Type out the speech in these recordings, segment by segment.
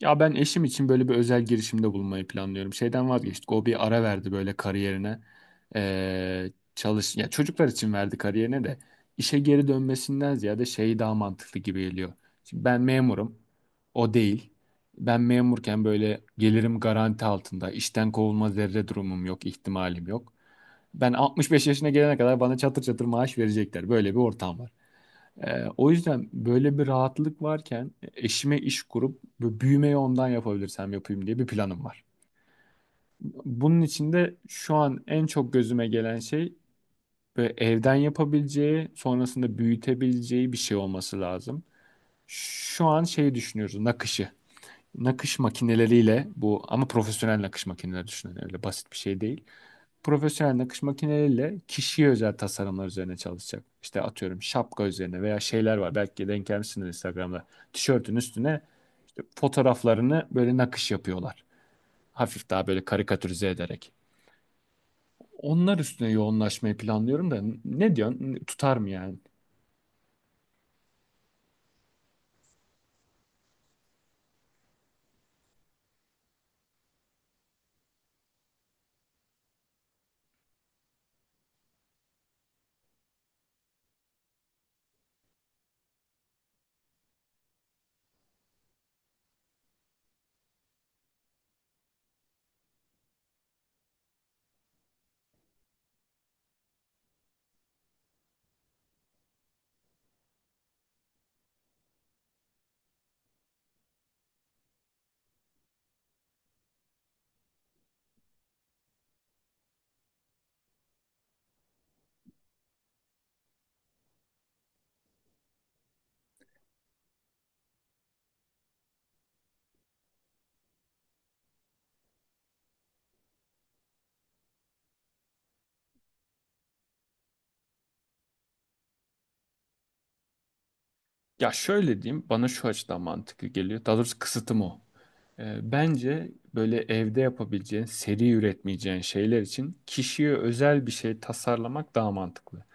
Ya ben eşim için böyle bir özel girişimde bulunmayı planlıyorum. Şeyden vazgeçtik. O bir ara verdi böyle kariyerine. Çalış ya Çocuklar için verdi kariyerine de işe geri dönmesinden ziyade şey daha mantıklı gibi geliyor. Şimdi ben memurum. O değil. Ben memurken böyle gelirim garanti altında. İşten kovulma zerre durumum yok, ihtimalim yok. Ben 65 yaşına gelene kadar bana çatır çatır maaş verecekler. Böyle bir ortam var. O yüzden böyle bir rahatlık varken eşime iş kurup bu büyümeyi ondan yapabilirsem yapayım diye bir planım var. Bunun içinde şu an en çok gözüme gelen şey, böyle evden yapabileceği, sonrasında büyütebileceği bir şey olması lazım. Şu an şeyi düşünüyoruz, nakışı. Nakış makineleriyle bu, ama profesyonel nakış makineleri düşünün, öyle basit bir şey değil. Profesyonel nakış makineleriyle kişiye özel tasarımlar üzerine çalışacak. İşte atıyorum şapka üzerine veya şeyler var. Belki denk gelmişsiniz Instagram'da. Tişörtün üstüne işte fotoğraflarını böyle nakış yapıyorlar. Hafif daha böyle karikatürize ederek. Onlar üstüne yoğunlaşmayı planlıyorum da, ne diyorsun? Tutar mı yani? Ya şöyle diyeyim, bana şu açıdan mantıklı geliyor. Daha doğrusu kısıtım o. Bence böyle evde yapabileceğin, seri üretmeyeceğin şeyler için kişiye özel bir şey tasarlamak daha mantıklı.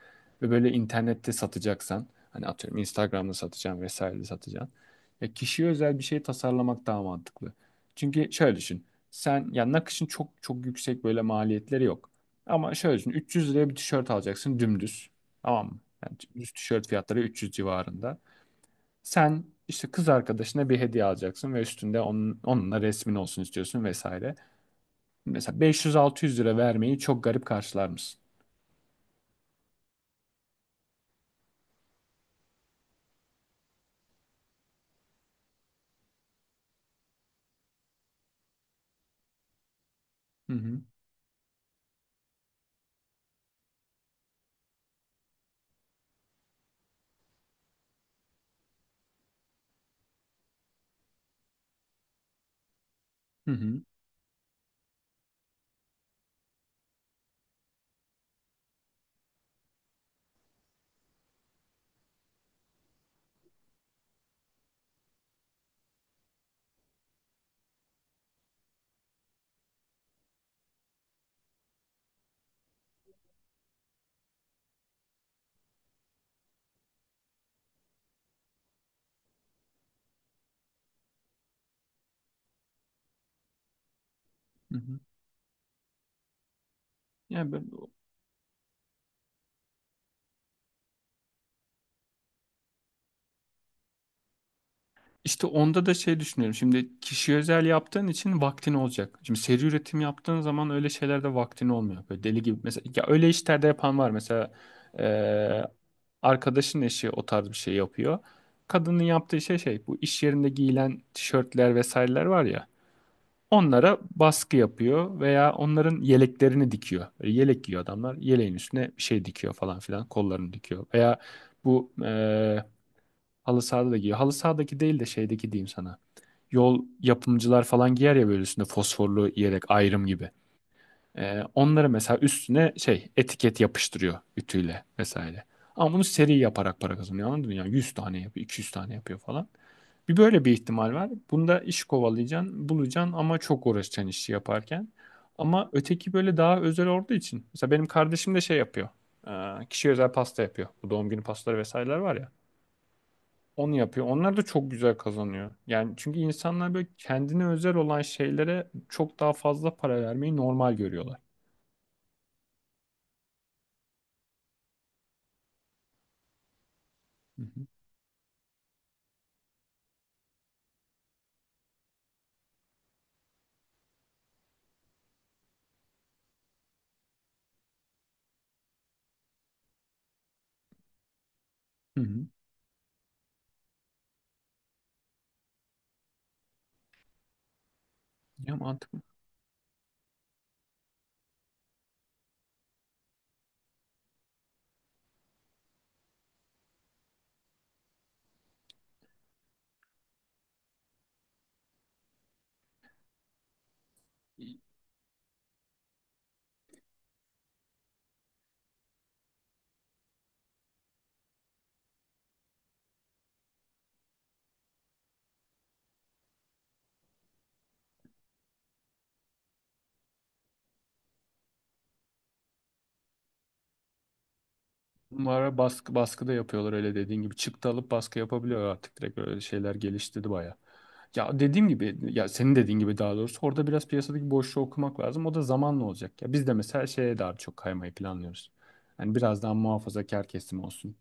Ve böyle internette satacaksan, hani atıyorum Instagram'da satacaksın vesaire satacaksın. Ya kişiye özel bir şey tasarlamak daha mantıklı. Çünkü şöyle düşün. Sen ya nakışın çok çok yüksek böyle maliyetleri yok. Ama şöyle düşün. 300 liraya bir tişört alacaksın, dümdüz. Tamam mı? Yani düz tişört fiyatları 300 civarında. Sen işte kız arkadaşına bir hediye alacaksın ve üstünde onun, onunla resmin olsun istiyorsun vesaire. Mesela 500-600 lira vermeyi çok garip karşılar mısın? Hı hı, hı hı, hı hı. Yani ben, işte onda da şey düşünüyorum. Şimdi kişi özel yaptığın için vaktin olacak. Şimdi seri üretim yaptığın zaman öyle şeylerde vaktin olmuyor. Böyle deli gibi. Mesela ya öyle işlerde yapan var. Mesela eee, arkadaşın eşi o tarz bir şey yapıyor. Kadının yaptığı şey, şey, bu iş yerinde giyilen tişörtler vesaireler var ya. Onlara baskı yapıyor veya onların yeleklerini dikiyor. Böyle yelek giyiyor adamlar. Yeleğin üstüne bir şey dikiyor falan filan. Kollarını dikiyor. Veya bu halı sahada da giyiyor. Halı sahadaki değil de şeydeki diyeyim sana. Yol yapımcılar falan giyer ya, böyle üstünde fosforlu yelek ayrım gibi. Onları mesela üstüne şey etiket yapıştırıyor ütüyle vesaire. Ama bunu seri yaparak para kazanıyor, anladın mı? Yani 100 tane yapıyor, 200 tane yapıyor falan. Bir böyle bir ihtimal var. Bunda iş kovalayacaksın, bulacaksın ama çok uğraşacaksın işi yaparken. Ama öteki böyle daha özel olduğu için. Mesela benim kardeşim de şey yapıyor. Kişiye özel pasta yapıyor. Bu doğum günü pastaları vesaireler var ya. Onu yapıyor. Onlar da çok güzel kazanıyor. Yani çünkü insanlar böyle kendine özel olan şeylere çok daha fazla para vermeyi normal görüyorlar. Hı hı. Hı hı. Ya mantıklı. Bunlara baskı, baskı da yapıyorlar öyle dediğin gibi. Çıktı alıp baskı yapabiliyor artık direkt, öyle şeyler geliştirdi baya. Ya dediğim gibi, ya senin dediğin gibi daha doğrusu, orada biraz piyasadaki boşluğu okumak lazım. O da zamanla olacak. Ya biz de mesela şeye daha çok kaymayı planlıyoruz. Yani biraz daha muhafazakar kesim olsun.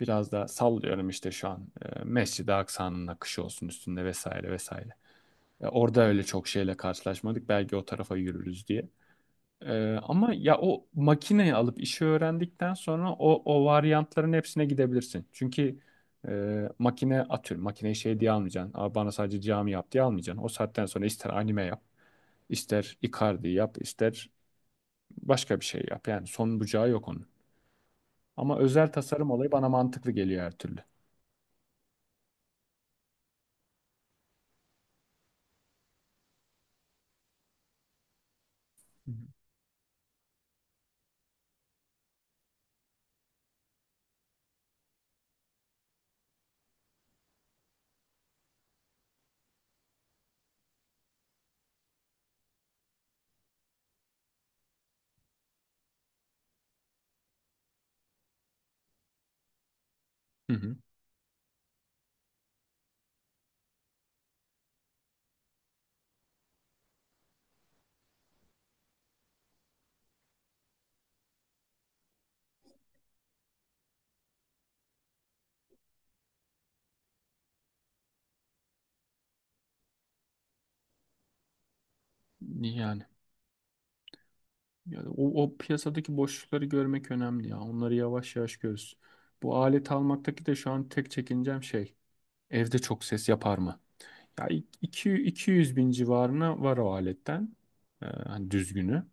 Biraz daha sallıyorum, işte şu an Mescid-i Aksa'nın akışı olsun üstünde vesaire vesaire. Ya orada öyle çok şeyle karşılaşmadık. Belki o tarafa yürürüz diye. Ama ya o makineyi alıp işi öğrendikten sonra o varyantların hepsine gidebilirsin. Çünkü makine atıyorum, makineyi şey diye almayacaksın. Aa, bana sadece cami yap diye almayacaksın. O saatten sonra ister anime yap, ister Icardi yap, ister başka bir şey yap. Yani son bucağı yok onun. Ama özel tasarım olayı bana mantıklı geliyor her türlü. Hı hı. Hı hı. Yani, yani o piyasadaki boşlukları görmek önemli ya. Onları yavaş yavaş görürüz. Bu alet almaktaki de şu an tek çekincem şey. Evde çok ses yapar mı? Ya iki yüz bin civarına var o aletten. Hani düzgünü.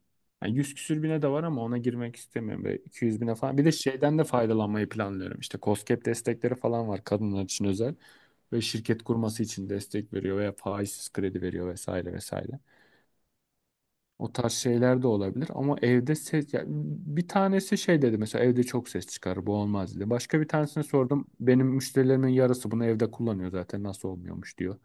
Yani 100 küsür bine de var ama ona girmek istemiyorum. Böyle 200 bine falan. Bir de şeyden de faydalanmayı planlıyorum. İşte KOSGEB destekleri falan var kadınlar için özel. Ve şirket kurması için destek veriyor veya faizsiz kredi veriyor vesaire vesaire. O tarz şeyler de olabilir, ama evde ses, ya bir tanesi şey dedi mesela, evde çok ses çıkar, bu olmaz dedi. Başka bir tanesine sordum. Benim müşterilerimin yarısı bunu evde kullanıyor zaten, nasıl olmuyormuş diyor.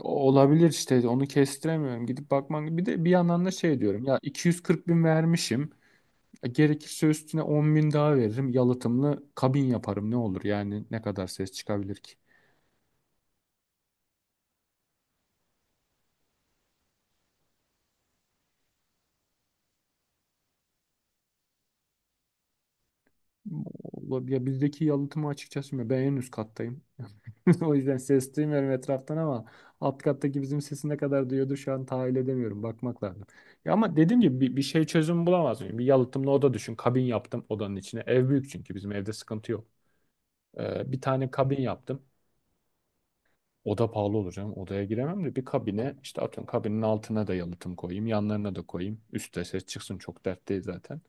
Olabilir, işte onu kestiremiyorum. Gidip bakman, bir de bir yandan da şey diyorum ya, 240 bin vermişim. Gerekirse üstüne 10 bin daha veririm. Yalıtımlı kabin yaparım, ne olur yani, ne kadar ses çıkabilir ki? Ya bizdeki yalıtımı açıkçası bilmiyorum. Ben en üst kattayım. O yüzden ses duymuyorum etraftan, ama alt kattaki bizim sesi ne kadar duyuyordur şu an tahayyül edemiyorum. Bakmak lazım. Ya ama dediğim gibi bir şey çözüm bulamaz mıyım? Bir yalıtımlı oda düşün. Kabin yaptım odanın içine. Ev büyük, çünkü bizim evde sıkıntı yok. Bir tane kabin yaptım. Oda pahalı olur canım. Odaya giremem de, bir kabine işte atıyorum, kabinin altına da yalıtım koyayım. Yanlarına da koyayım. Üstte ses çıksın, çok dert değil zaten.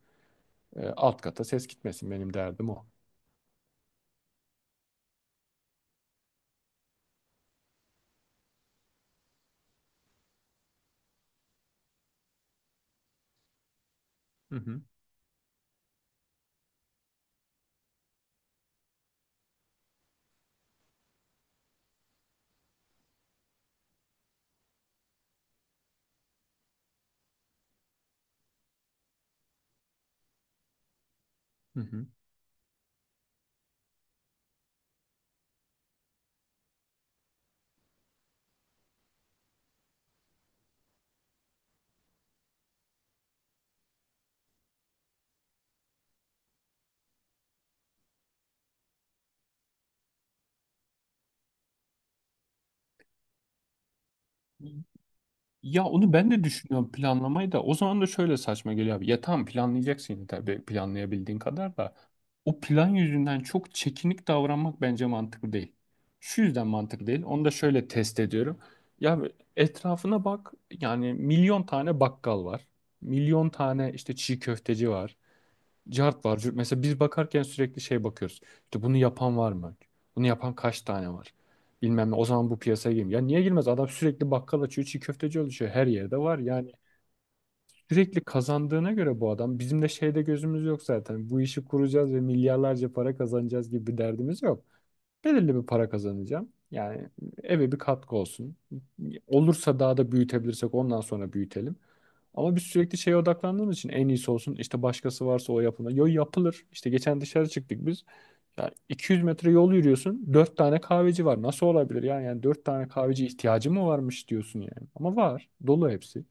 Alt kata ses gitmesin, benim derdim o. Hı hı. Hı hı. Ya onu ben de düşünüyorum, planlamayı da. O zaman da şöyle saçma geliyor abi. Ya tamam, planlayacaksın yine tabii, planlayabildiğin kadar da. O plan yüzünden çok çekinik davranmak bence mantıklı değil. Şu yüzden mantıklı değil. Onu da şöyle test ediyorum. Ya etrafına bak. Yani milyon tane bakkal var. Milyon tane işte çiğ köfteci var, cart var. Mesela biz bakarken sürekli şey bakıyoruz. İşte bunu yapan var mı? Bunu yapan kaç tane var? Bilmem ne. O zaman bu piyasaya girmiyor. Ya niye girmez? Adam sürekli bakkal açıyor, çiğ köfteci oluşuyor. Her yerde var. Yani sürekli kazandığına göre bu adam, bizim de şeyde gözümüz yok zaten. Bu işi kuracağız ve milyarlarca para kazanacağız gibi bir derdimiz yok. Belirli bir para kazanacağım. Yani eve bir katkı olsun. Olursa daha da büyütebilirsek, ondan sonra büyütelim. Ama biz sürekli şeye odaklandığımız için en iyisi olsun. İşte başkası varsa o yapılır. Yo, yapılır. İşte geçen dışarı çıktık biz. Ya 200 metre yol yürüyorsun, 4 tane kahveci var. Nasıl olabilir ya? Yani 4 tane kahveci ihtiyacı mı varmış diyorsun yani. Ama var. Dolu hepsi.